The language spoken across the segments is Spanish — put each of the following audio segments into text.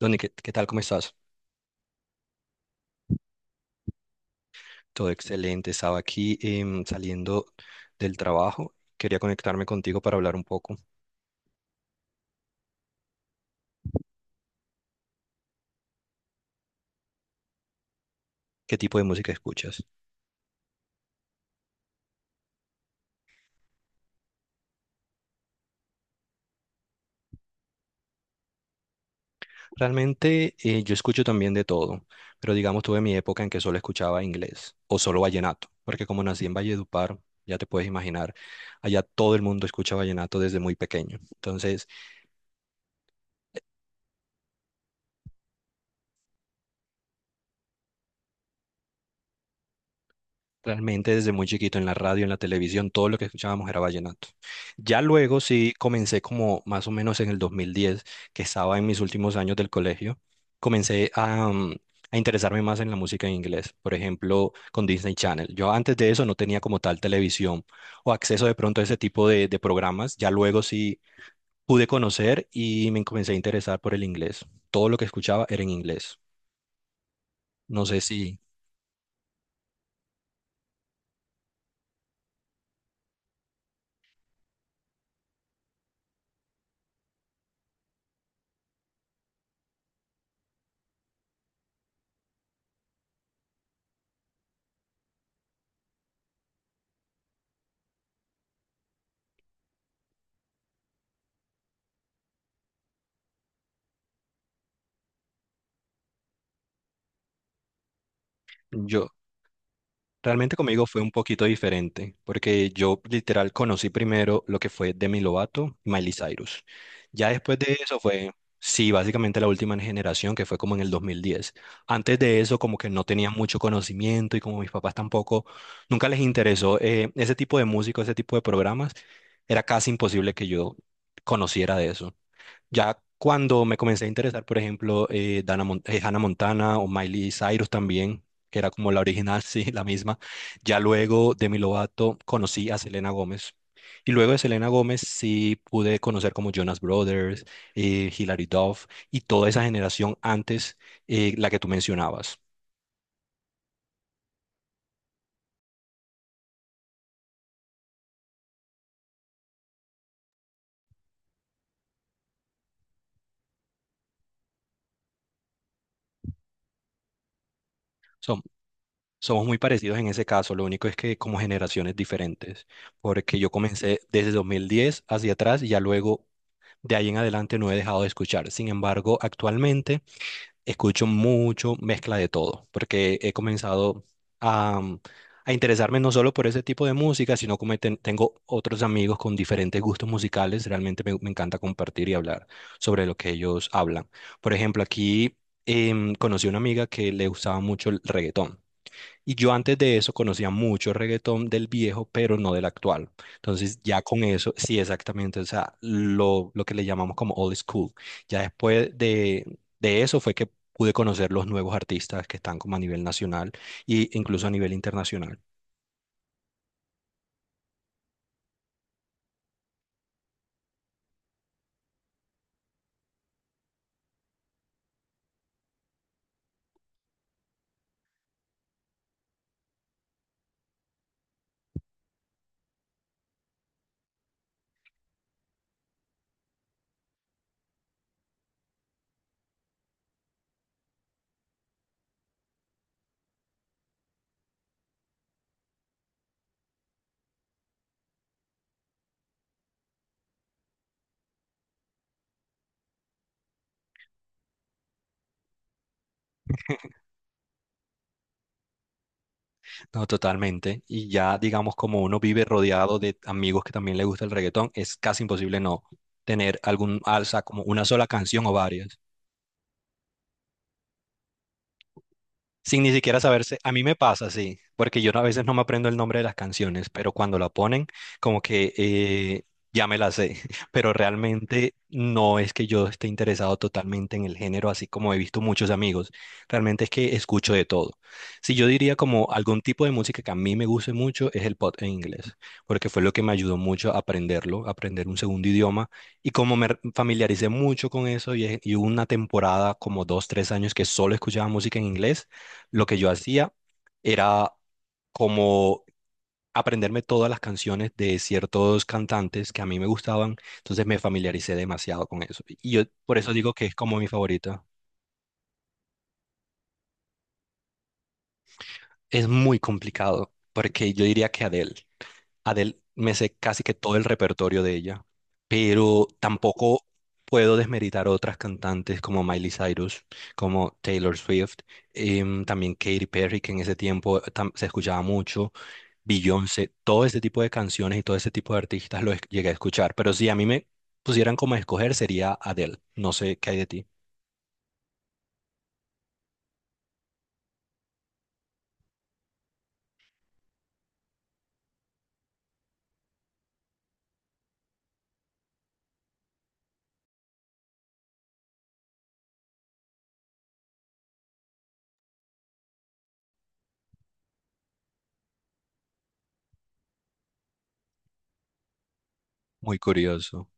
Donny, ¿qué tal? ¿Cómo estás? Todo excelente. Estaba aquí saliendo del trabajo. Quería conectarme contigo para hablar un poco. ¿Qué tipo de música escuchas? Realmente yo escucho también de todo, pero digamos tuve mi época en que solo escuchaba inglés o solo vallenato, porque como nací en Valledupar, ya te puedes imaginar, allá todo el mundo escucha vallenato desde muy pequeño. Entonces, realmente desde muy chiquito en la radio, en la televisión, todo lo que escuchábamos era vallenato. Ya luego sí comencé como más o menos en el 2010, que estaba en mis últimos años del colegio, comencé a interesarme más en la música en inglés, por ejemplo, con Disney Channel. Yo antes de eso no tenía como tal televisión o acceso de pronto a ese tipo de programas. Ya luego sí pude conocer y me comencé a interesar por el inglés. Todo lo que escuchaba era en inglés. No sé si... Yo, Realmente conmigo fue un poquito diferente, porque yo literal conocí primero lo que fue Demi Lovato y Miley Cyrus. Ya después de eso fue, sí, básicamente la última generación, que fue como en el 2010. Antes de eso como que no tenía mucho conocimiento y como mis papás tampoco, nunca les interesó ese tipo de música, ese tipo de programas, era casi imposible que yo conociera de eso. Ya cuando me comencé a interesar, por ejemplo, Hannah Montana o Miley Cyrus también, que era como la original, sí, la misma. Ya luego de mi Lovato conocí a Selena Gómez. Y luego de Selena Gómez sí pude conocer como Jonas Brothers, Hilary Duff y toda esa generación antes, la que tú mencionabas. Som- Somos muy parecidos en ese caso, lo único es que como generaciones diferentes, porque yo comencé desde 2010 hacia atrás y ya luego de ahí en adelante no he dejado de escuchar. Sin embargo, actualmente escucho mucho mezcla de todo, porque he comenzado a, a interesarme no solo por ese tipo de música, sino como tengo otros amigos con diferentes gustos musicales. Realmente me encanta compartir y hablar sobre lo que ellos hablan. Por ejemplo, aquí conocí a una amiga que le gustaba mucho el reggaetón. Y yo antes de eso conocía mucho reggaetón del viejo, pero no del actual. Entonces ya con eso, sí, exactamente, o sea, lo que le llamamos como old school. Ya después de eso fue que pude conocer los nuevos artistas que están como a nivel nacional e incluso a nivel internacional. No, totalmente. Y ya digamos como uno vive rodeado de amigos que también le gusta el reggaetón, es casi imposible no tener algún alza como una sola canción o varias. Sin ni siquiera saberse. A mí me pasa, sí, porque yo no- a veces no me aprendo el nombre de las canciones, pero cuando la ponen, como que ya me la sé, pero realmente no es que yo esté interesado totalmente en el género, así como he visto muchos amigos. Realmente es que escucho de todo. Si yo diría como algún tipo de música que a mí me guste mucho es el pop en inglés, porque fue lo que me ayudó mucho a aprenderlo, a aprender un segundo idioma. Y como me familiaricé mucho con eso y hubo una temporada como dos, tres años que solo escuchaba música en inglés, lo que yo hacía era como aprenderme todas las canciones de ciertos cantantes que a mí me gustaban, entonces me familiaricé demasiado con eso. Y yo por eso digo que es como mi favorito. Es muy complicado, porque yo diría que Adele. Adele me sé casi que todo el repertorio de ella, pero tampoco puedo desmeritar otras cantantes como Miley Cyrus, como Taylor Swift, también Katy Perry, que en ese tiempo se escuchaba mucho. Beyoncé, todo este tipo de canciones y todo este tipo de artistas llegué a escuchar, pero si a mí me pusieran como a escoger sería Adele. No sé qué hay de ti. Muy curioso.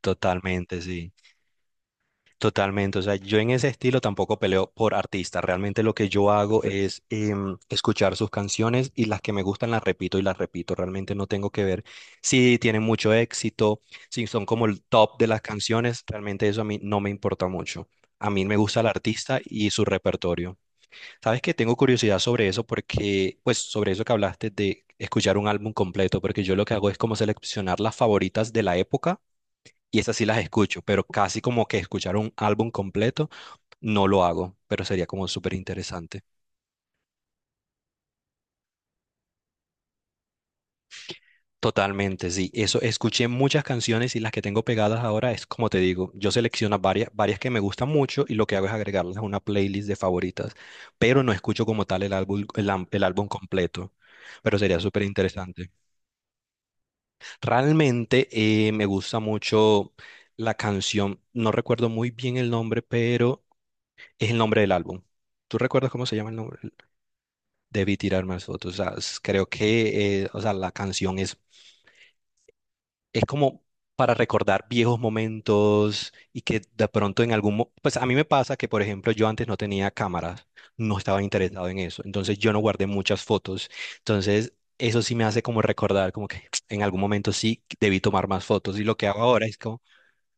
Totalmente, sí. Totalmente. O sea, yo en ese estilo tampoco peleo por artistas. Realmente lo que yo hago es escuchar sus canciones y las que me gustan las repito y las repito. Realmente no tengo que ver si tienen mucho éxito, si son como el top de las canciones. Realmente eso a mí no me importa mucho. A mí me gusta el artista y su repertorio. Sabes que tengo curiosidad sobre eso porque, pues, sobre eso que hablaste de escuchar un álbum completo, porque yo lo que hago es como seleccionar las favoritas de la época y esas sí las escucho, pero casi como que escuchar un álbum completo no lo hago, pero sería como súper interesante. Totalmente, sí. Eso, escuché muchas canciones y las que tengo pegadas ahora es como te digo, yo selecciono varias, varias que me gustan mucho y lo que hago es agregarlas a una playlist de favoritas, pero no escucho como tal el álbum, el álbum completo, pero sería súper interesante. Realmente me gusta mucho la canción, no recuerdo muy bien el nombre, pero es el nombre del álbum. ¿Tú recuerdas cómo se llama el nombre? Debí tirar más fotos. O sea, creo que o sea, la canción es como para recordar viejos momentos y que de pronto en algún... Pues a mí me pasa que, por ejemplo, yo antes no tenía cámaras, no estaba interesado en eso, entonces yo no guardé muchas fotos, entonces eso sí me hace como recordar, como que en algún momento sí debí tomar más fotos y lo que hago ahora es como...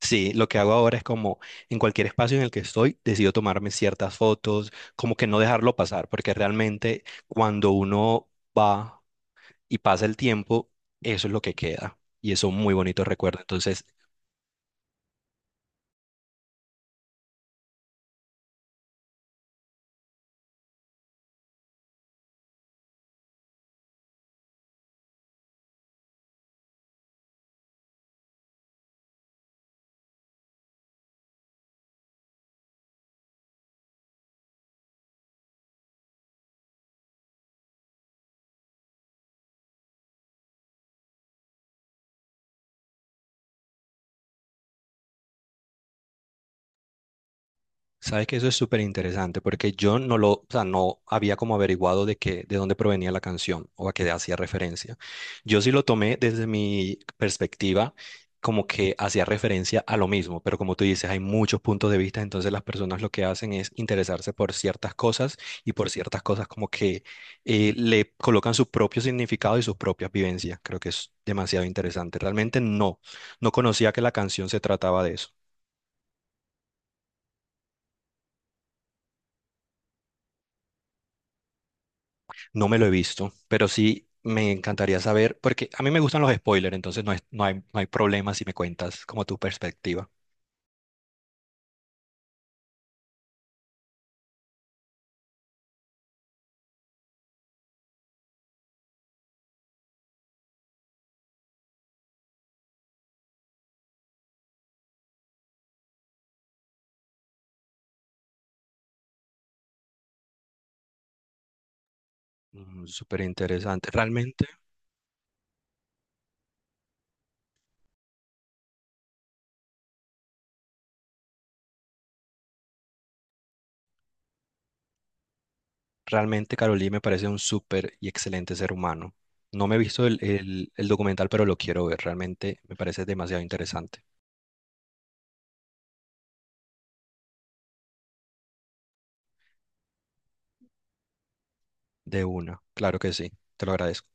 Sí, lo que hago ahora es como en cualquier espacio en el que estoy, decido tomarme ciertas fotos, como que no dejarlo pasar, porque realmente cuando uno va y pasa el tiempo, eso es lo que queda y eso es muy bonito recuerdo. Entonces, sabe que eso es súper interesante porque yo no lo, o sea, no había como averiguado de qué, de dónde provenía la canción o a qué hacía referencia. Yo sí lo tomé desde mi perspectiva como que hacía referencia a lo mismo, pero como tú dices, hay muchos puntos de vista, entonces las personas lo que hacen es interesarse por ciertas cosas y por ciertas cosas como que le colocan su propio significado y sus propias vivencias. Creo que es demasiado interesante. Realmente no conocía que la canción se trataba de eso. No me lo he visto, pero sí me encantaría saber, porque a mí me gustan los spoilers, entonces no, no hay problema si me cuentas como tu perspectiva. Mm, súper interesante. Realmente Carolina me parece un súper y excelente ser humano. No me he visto el documental, pero lo quiero ver. Realmente me parece demasiado interesante. De una, claro que sí. Te lo agradezco.